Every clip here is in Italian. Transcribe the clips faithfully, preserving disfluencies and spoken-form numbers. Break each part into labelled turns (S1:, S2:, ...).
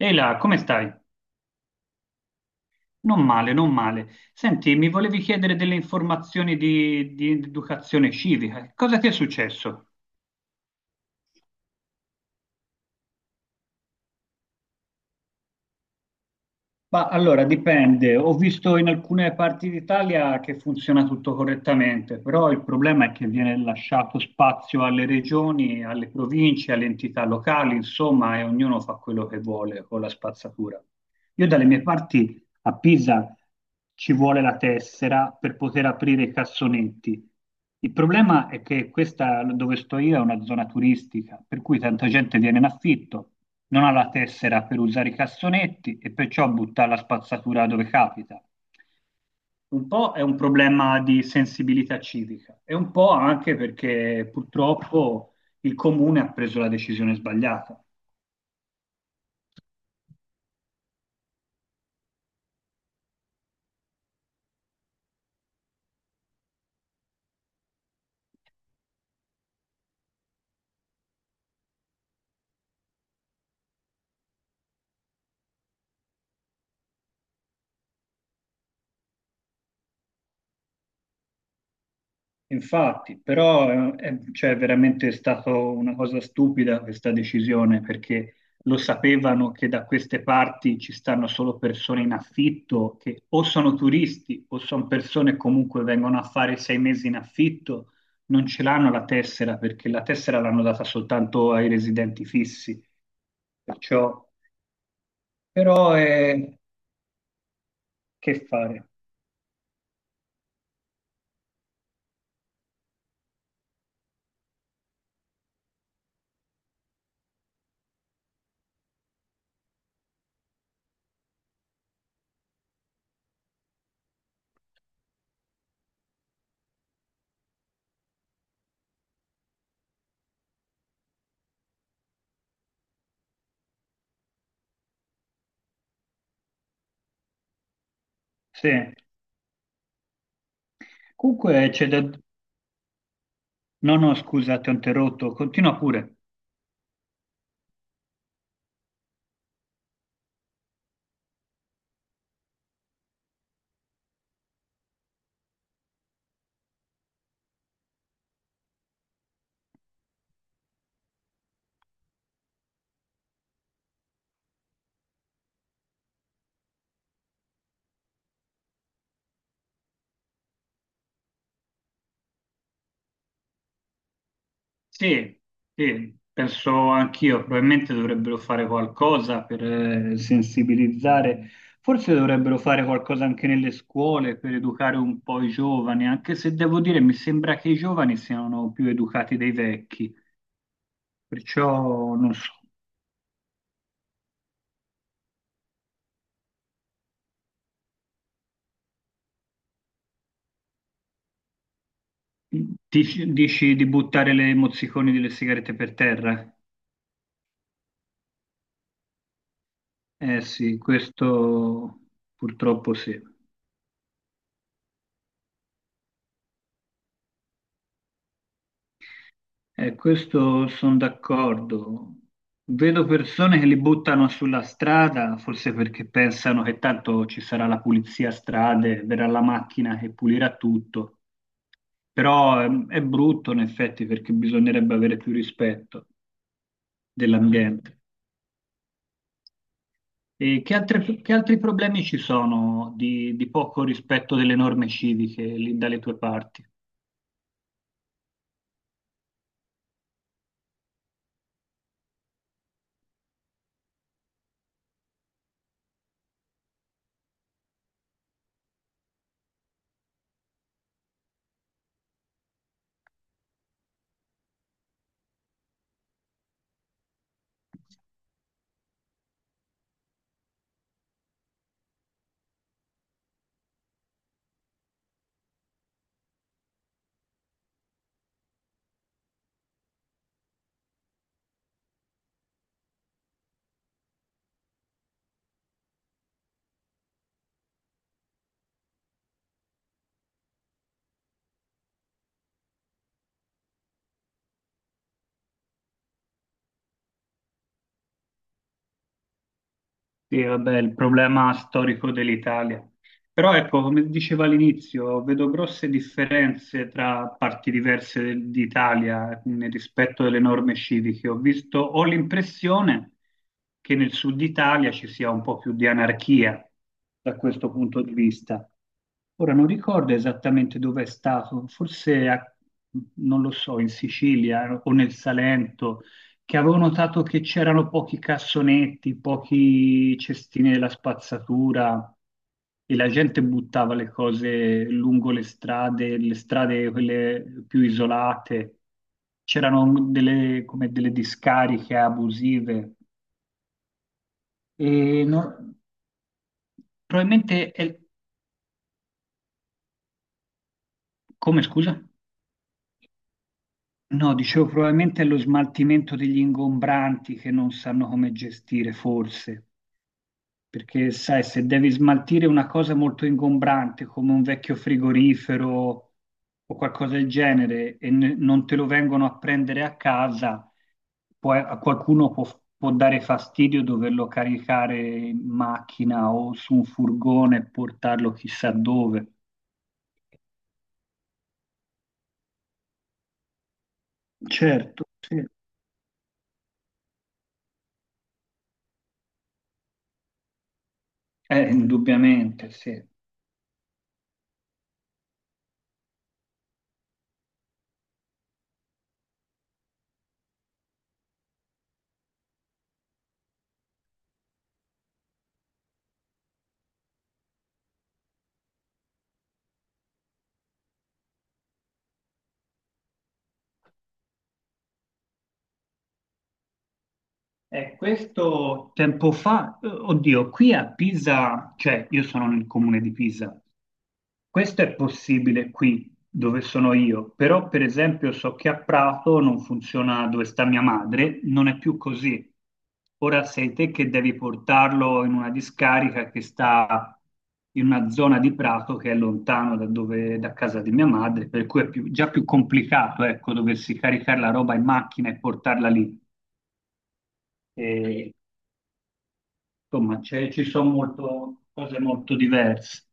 S1: Ehi là, come stai? Non male, non male. Senti, mi volevi chiedere delle informazioni di, di educazione civica. Cosa ti è successo? Ma allora dipende, ho visto in alcune parti d'Italia che funziona tutto correttamente, però il problema è che viene lasciato spazio alle regioni, alle province, alle entità locali, insomma, e ognuno fa quello che vuole con la spazzatura. Io dalle mie parti a Pisa ci vuole la tessera per poter aprire i cassonetti. Il problema è che questa dove sto io è una zona turistica, per cui tanta gente viene in affitto non ha la tessera per usare i cassonetti e perciò butta la spazzatura dove capita. Un po' è un problema di sensibilità civica e un po' anche perché purtroppo il comune ha preso la decisione sbagliata. Infatti, però eh, è, cioè, è veramente stata una cosa stupida questa decisione perché lo sapevano che da queste parti ci stanno solo persone in affitto che o sono turisti o sono persone che comunque vengono a fare sei mesi in affitto, non ce l'hanno la tessera perché la tessera l'hanno data soltanto ai residenti fissi. Perciò, però, eh, che fare? Sì. Comunque c'è da... No, no, scusa, ti ho interrotto, continua pure. Sì, sì, penso anch'io, probabilmente dovrebbero fare qualcosa per eh, sensibilizzare, forse dovrebbero fare qualcosa anche nelle scuole per educare un po' i giovani, anche se devo dire mi sembra che i giovani siano più educati dei vecchi, perciò non so, dici, dici di buttare le mozziconi delle sigarette per terra? Eh sì, questo purtroppo sì. Eh, questo sono d'accordo. Vedo persone che li buttano sulla strada, forse perché pensano che tanto ci sarà la pulizia a strade, verrà la macchina che pulirà tutto. Però ehm, è brutto in effetti perché bisognerebbe avere più rispetto dell'ambiente. E che altre- che altri problemi ci sono di, di poco rispetto delle norme civiche lì dalle tue parti? Sì, vabbè, il problema storico dell'Italia. Però ecco, come dicevo all'inizio, vedo grosse differenze tra parti diverse del- d'Italia nel rispetto delle norme civiche. Ho visto, ho l'impressione che nel sud Italia ci sia un po' più di anarchia da questo punto di vista. Ora non ricordo esattamente dove è stato, forse a- non lo so, in Sicilia o nel Salento che avevo notato che c'erano pochi cassonetti, pochi cestini della spazzatura e la gente buttava le cose lungo le strade, le strade quelle più isolate. C'erano delle, come delle discariche abusive. E no- Probabilmente è... Come scusa? No, dicevo, probabilmente è lo smaltimento degli ingombranti che non sanno come gestire, forse. Perché, sai, se devi smaltire una cosa molto ingombrante come un vecchio frigorifero o qualcosa del genere e ne- non te lo vengono a prendere a casa, poi a qualcuno può, può dare fastidio doverlo caricare in macchina o su un furgone e portarlo chissà dove. Certo, sì. Eh, indubbiamente, sì. Eh, questo tempo fa, eh, oddio, qui a Pisa, cioè io sono nel comune di Pisa, questo è possibile qui dove sono io, però per esempio so che a Prato non funziona dove sta mia madre, non è più così. Ora sei te che devi portarlo in una discarica che sta in una zona di Prato che è lontano da, dove- da casa di mia madre, per cui è più- già più complicato, ecco, doversi caricare la roba in macchina e portarla lì. E, insomma, c'è- ci sono molto- cose molto diverse.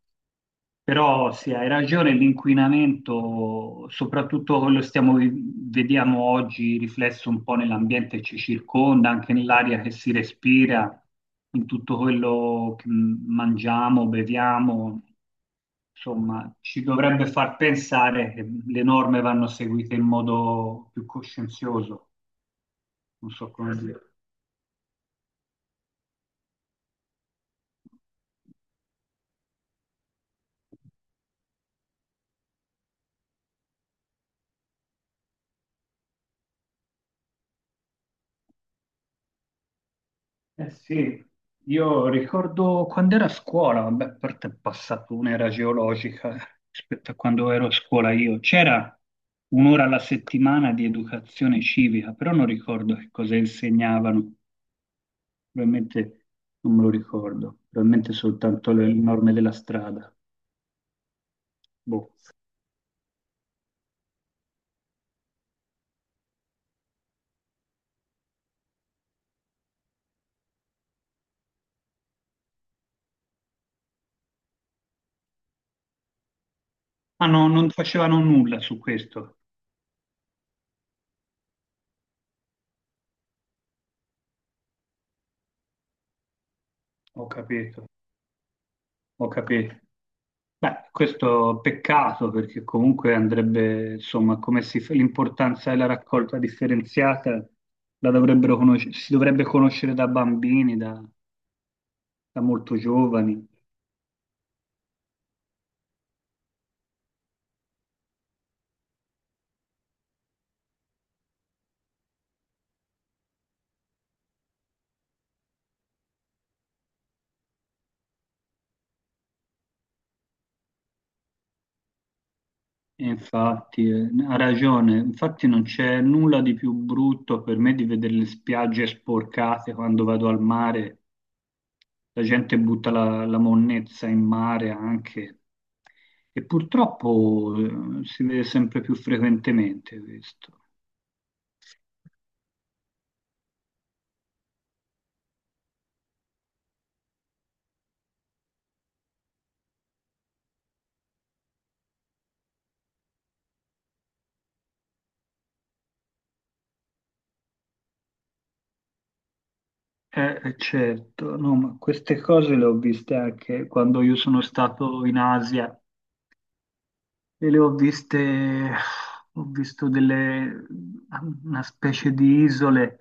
S1: Però sì, hai ragione, l'inquinamento, soprattutto quello stiamo vi- vediamo oggi riflesso un po' nell'ambiente che ci circonda, anche nell'aria che si respira, in tutto quello che mm, mangiamo, beviamo, insomma, ci dovrebbe far pensare che le norme vanno seguite in modo più coscienzioso, non so come dire. Eh sì, io ricordo quando ero a scuola, vabbè, a parte è passata un'era geologica eh, rispetto a quando ero a scuola io, c'era un'ora alla settimana di educazione civica, però non ricordo che cosa insegnavano, probabilmente non me lo ricordo, probabilmente soltanto le norme della strada. Boh. Ah no, non facevano nulla su questo, ho capito, ho capito. Beh, questo peccato perché comunque andrebbe, insomma, come si fa l'importanza della raccolta differenziata la dovrebbero conoscere, si dovrebbe conoscere da bambini, da, da molto giovani. E infatti, eh, ha ragione, infatti non c'è nulla di più brutto per me di vedere le spiagge sporcate quando vado al mare. La gente butta la, la monnezza in mare anche e purtroppo eh, si vede sempre più frequentemente questo. Eh, certo, no, ma queste cose le ho viste anche quando io sono stato in Asia e le ho viste, ho visto delle, una specie di isole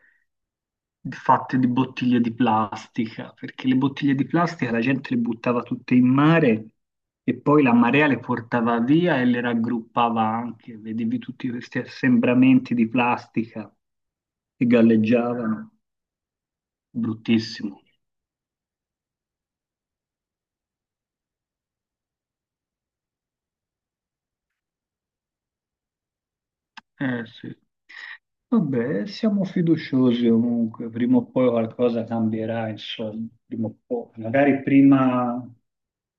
S1: fatte di bottiglie di plastica, perché le bottiglie di plastica la gente le buttava tutte in mare e poi la marea le portava via e le raggruppava anche, vedevi tutti questi assembramenti di plastica che galleggiavano, bruttissimo. Eh sì. Vabbè, siamo fiduciosi comunque, prima o poi qualcosa cambierà, insomma, prima o poi. Magari prima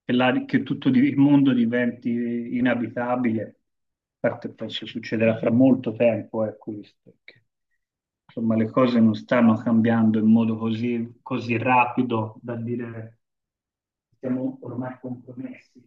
S1: che, la- che tutto di- il mondo diventi inabitabile, a parte penso succederà fra molto tempo, è questo, perché, insomma le cose non stanno cambiando in modo così, così rapido da dire siamo ormai compromessi.